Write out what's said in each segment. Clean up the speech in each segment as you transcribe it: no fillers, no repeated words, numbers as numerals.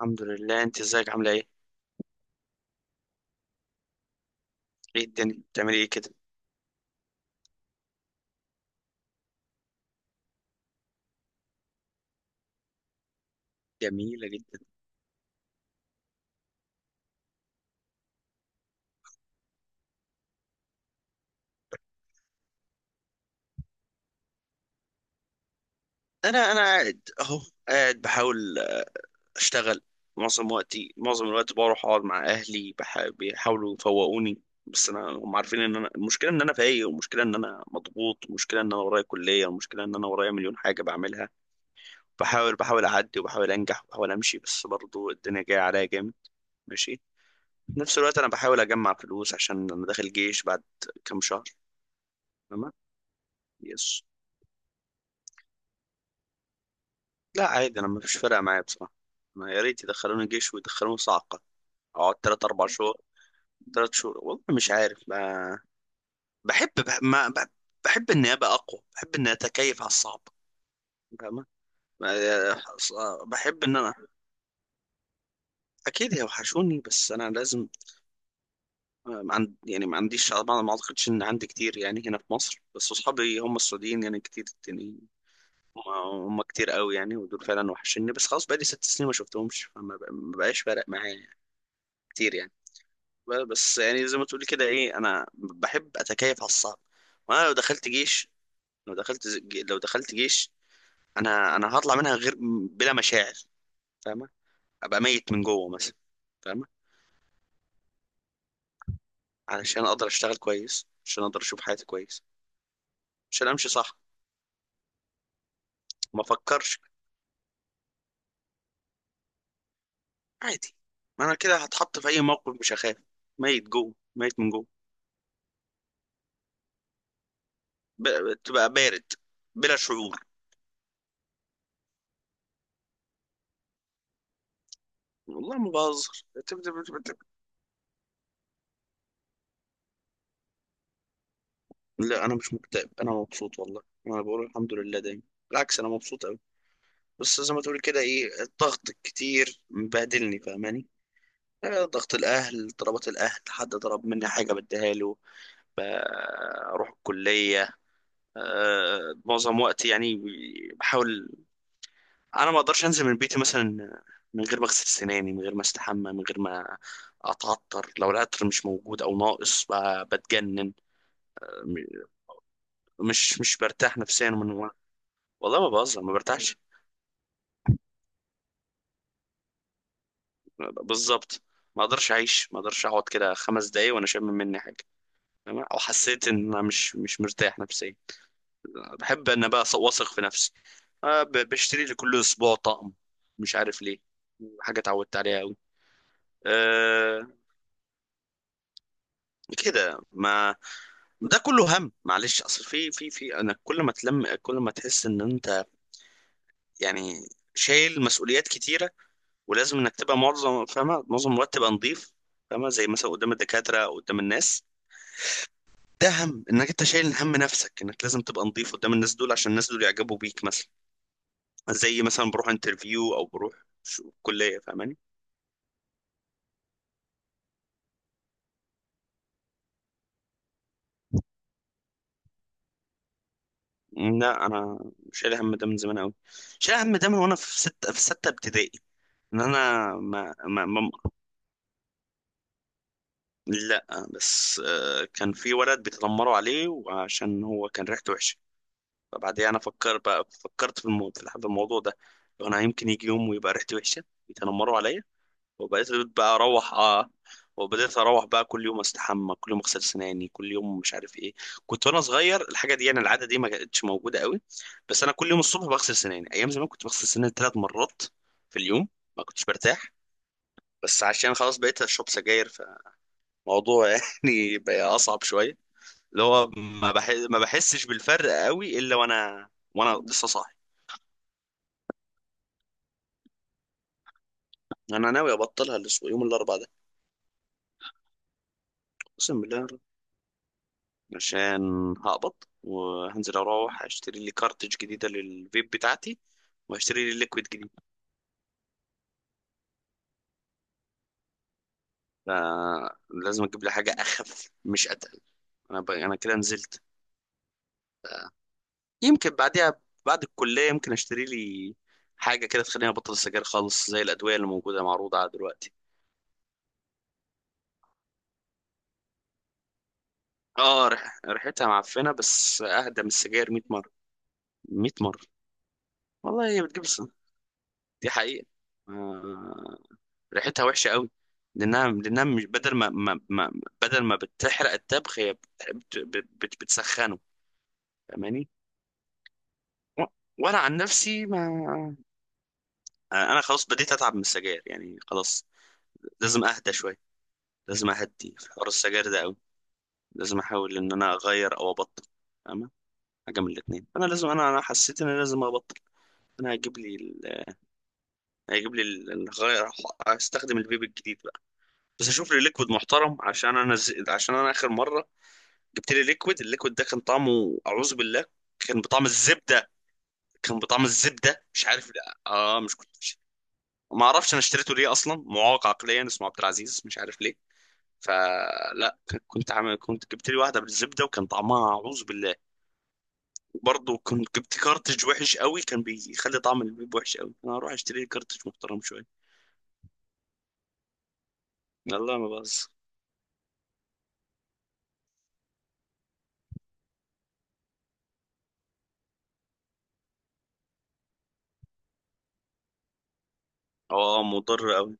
الحمد لله، انت ازيك؟ عامله ايه؟ ايه الدنيا بتعملي ايه كده؟ جميلة جدا. انا قاعد اهو. قاعد بحاول اشتغل. معظم الوقت بروح اقعد مع اهلي بيحاولوا يفوقوني. بس انا هم عارفين ان انا المشكله ان انا فايق، والمشكله ان انا مضغوط، والمشكله ان انا ورايا كليه، والمشكله ان انا ورايا مليون حاجه بعملها. بحاول اعدي، وبحاول انجح، وبحاول امشي، بس برضو الدنيا جايه عليا جامد. ماشي. في نفس الوقت انا بحاول اجمع فلوس عشان انا داخل جيش بعد كام شهر. تمام. يس. لا، عادي، انا مفيش فارقه معايا بصراحه. ما يا ريت يدخلوني جيش ويدخلوني صعقه. اقعد تلات اربع شهور. 3 شهور، والله مش عارف ما. بحب بح... ما بح... بحب اني ابقى اقوى، بحب اني اتكيف على الصعب. فاهمة؟ ما- بحب ان انا اكيد هيوحشوني، بس انا لازم. ما عند... يعني ما عنديش، ما اعتقدش ان عندي كتير يعني هنا في مصر، بس اصحابي هم السعوديين يعني كتير، التانيين. هم كتير قوي يعني، ودول فعلا وحشني، بس خلاص بقالي 6 سنين ما شفتهمش، فما ما بقاش فارق معايا يعني. كتير يعني. بس يعني زي ما تقولي كده ايه، انا بحب اتكيف على الصعب. وانا لو دخلت جيش، لو دخلت جيش، انا هطلع منها غير، بلا مشاعر. فاهمه؟ ابقى ميت من جوه مثلا. فاهمه؟ علشان اقدر اشتغل كويس، عشان اقدر اشوف حياتي كويس. عشان امشي صح. ما افكرش. عادي. ما انا كده، هتحط في اي موقف مش هخاف. ميت جوه، ميت من جوه. تبقى بارد، بلا شعور. والله ما بهزر. لا، انا مش مكتئب، انا مبسوط والله، انا بقول الحمد لله دايما. بالعكس، انا مبسوط قوي. بس زي ما تقول كده ايه، الضغط الكتير مبهدلني، فاهماني؟ ضغط الاهل، طلبات الاهل، حد طلب مني حاجه بديها له. آه، اروح الكليه. معظم وقتي يعني. بحاول. انا ما اقدرش انزل من بيتي مثلا من غير ما اغسل سناني، من غير ما استحمى، من غير ما اتعطر. لو العطر مش موجود او ناقص بتجنن. مش برتاح نفسيا والله ما بهزر، ما برتاحش. بالظبط. ما اقدرش اعيش، ما اقدرش اقعد كده 5 دقايق وانا شامم مني حاجه. تمام؟ او حسيت ان انا مش مرتاح نفسيا. بحب ان بقى واثق في نفسي. بشتري لي كل اسبوع طقم، مش عارف ليه. حاجه اتعودت عليها قوي. أه كده ما. ده كله هم، معلش، اصل في انا كل ما تلم، كل ما تحس ان انت، يعني، شايل مسؤوليات كتيره. ولازم انك تبقى معظم، فاهمه، معظم الوقت تبقى نظيف. فاهمه؟ زي مثلا قدام الدكاتره او قدام الناس. ده هم انك انت شايل هم نفسك، انك لازم تبقى نظيف قدام الناس دول، عشان الناس دول يعجبوا بيك مثلا. زي مثلا بروح انترفيو، او بروح كليه. فاهماني؟ لا، انا شايل هم ده من زمان قوي. شايل هم ده من وانا في ستة ابتدائي. ان انا ما. لا. بس كان في ولد بيتنمروا عليه وعشان هو كان ريحته وحشه. فبعديها انا فكرت في الموضوع، في الموضوع ده. انا يمكن يجي يوم ويبقى ريحتي وحشه يتنمروا عليا. وبقيت بقى اروح وبدأت اروح بقى كل يوم استحمى، كل يوم اغسل سناني، كل يوم مش عارف ايه. كنت وانا صغير الحاجه دي، يعني العاده دي ما كانتش موجوده قوي. بس انا كل يوم الصبح بغسل سناني، ايام زمان كنت بغسل سناني 3 مرات في اليوم. ما كنتش برتاح. بس عشان خلاص بقيت اشرب سجاير، فالموضوع يعني بقى اصعب شويه، اللي هو ما بحسش بالفرق قوي الا وانا، وانا لسه صاحي. انا ناوي ابطلها يوم الاربعاء ده. اقسم بالله. عشان هقبض، وهنزل اروح اشتري لي كارتج جديده للفيب بتاعتي، وهشتري لي ليكويد جديد. فلازم اجيب لي حاجه اخف، مش اتقل. انا كده نزلت. يمكن بعديها، بعد الكليه، يمكن اشتري لي حاجه كده تخليني ابطل السجاير خالص، زي الادويه اللي موجوده معروضه على دلوقتي. اه، ريحتها معفنه، بس اهدى من السجاير 100 مره. 100 مره. والله هي بتجيب السنة. دي حقيقه. آه. ريحتها وحشه قوي. لانها مش بدل ما. بدل ما بتحرق الطبخ هي بتسخنه. فاهماني؟ و- وانا عن نفسي ما. انا خلاص بديت اتعب من السجاير يعني، خلاص لازم اهدى شويه. لازم اهدي في حوار السجاير ده قوي. لازم احاول ان انا اغير او ابطل. فاهمه؟ حاجه من الاثنين، انا لازم، انا حسيت ان انا لازم ابطل. انا هجيب لي الغير. استخدم الفيب الجديد بقى. بس اشوف لي ليكويد محترم، عشان انا اخر مره جبت لي ليكويد، الليكويد ده كان طعمه اعوذ بالله. كان بطعم الزبده. كان بطعم الزبده، مش عارف، لا اه مش، كنت مش. ما اعرفش انا اشتريته ليه اصلا، معاق عقليا اسمه عبد العزيز، مش عارف ليه. فلا، كنت عامل، كنت جبت لي واحده بالزبده وكان طعمها اعوذ بالله. وبرضه كنت جبت كارتridج وحش قوي، كان بيخلي طعم البيب وحش قوي. انا هروح اشتري لي كارتridج محترم شويه. لا، ما بهزر. اه، مضر قوي.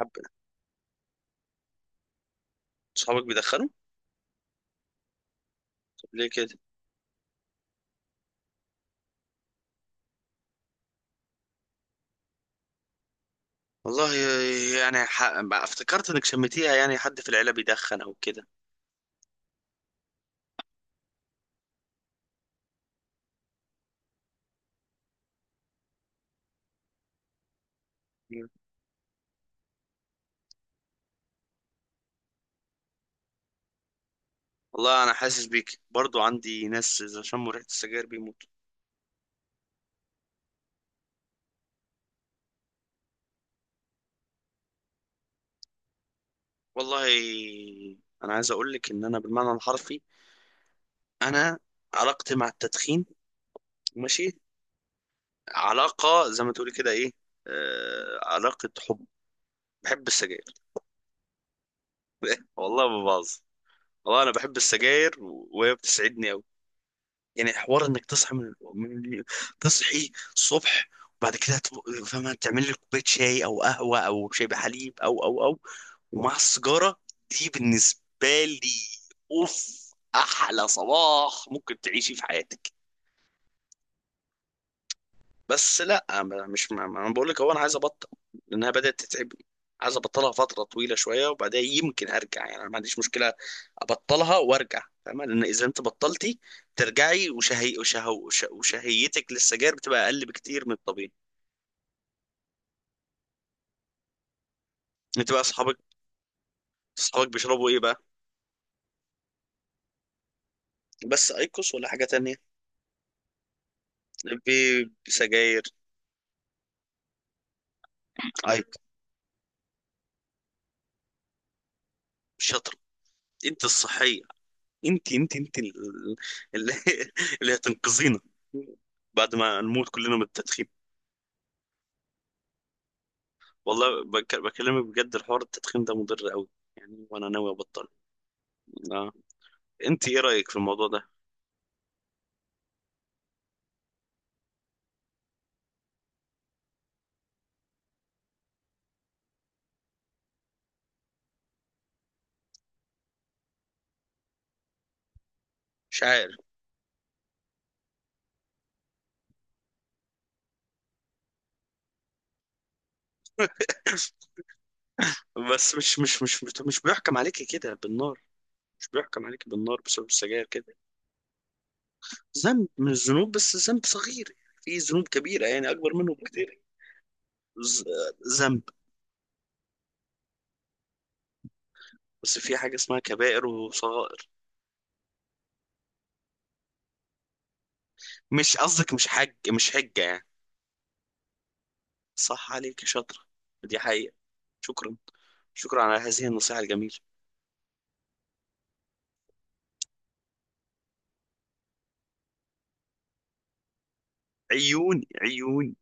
حب. صحابك بيدخنوا؟ طب ليه كده؟ والله، يعني افتكرت انك شميتيها، يعني حد في العيله بيدخن او كده؟ مم. والله انا حاسس بيك، برضو عندي ناس اذا شموا ريحه السجاير بيموتوا. والله انا عايز اقول لك ان انا بالمعنى الحرفي، انا، علاقتي مع التدخين، ماشي، علاقه زي ما تقولي كده ايه، علاقه حب. بحب السجاير. والله ما بهزر. والله انا بحب السجاير، وهي بتسعدني قوي. يعني حوار انك تصحى من، تصحي الصبح، وبعد كده فاهمة تعمل لي كوباية شاي او قهوة او شاي بحليب او ومع السيجارة دي، بالنسبة لي، اوف، احلى صباح ممكن تعيشي في حياتك. بس لا ما- مش ما ما- انا بقول لك هو انا عايز ابطل، لانها بدات تتعبني. عايز ابطلها فتره طويله شويه، وبعدها يمكن ارجع يعني، انا ما عنديش مشكله ابطلها وارجع. فاهمه؟ لان اذا انت بطلتي ترجعي وشهيتك للسجاير بتبقى اقل بكتير من الطبيعي. انت بقى، اصحابك، اصحابك بيشربوا ايه بقى؟ بس ايكوس ولا حاجه تانية؟ بسجاير؟ ايكوس؟ شاطر. انت الصحيه. انت اللي اللي هتنقذينا بعد ما نموت كلنا من التدخين. والله بكلمك بجد، الحوار التدخين ده مضر قوي يعني، وانا ناوي ابطل. اه. انت ايه رايك في الموضوع ده؟ مش عارف. بس مش بيحكم عليك كده بالنار. مش بيحكم عليك بالنار بسبب السجاير كده. ذنب من الذنوب، بس ذنب صغير. في ذنوب كبيره يعني اكبر منه بكتير. ز- ذنب. بس في حاجه اسمها كبائر وصغائر. مش قصدك مش حجه يعني؟ صح عليك يا شاطره. دي حقيقه. شكرا. شكرا على هذه النصيحه الجميله. عيون، عيون.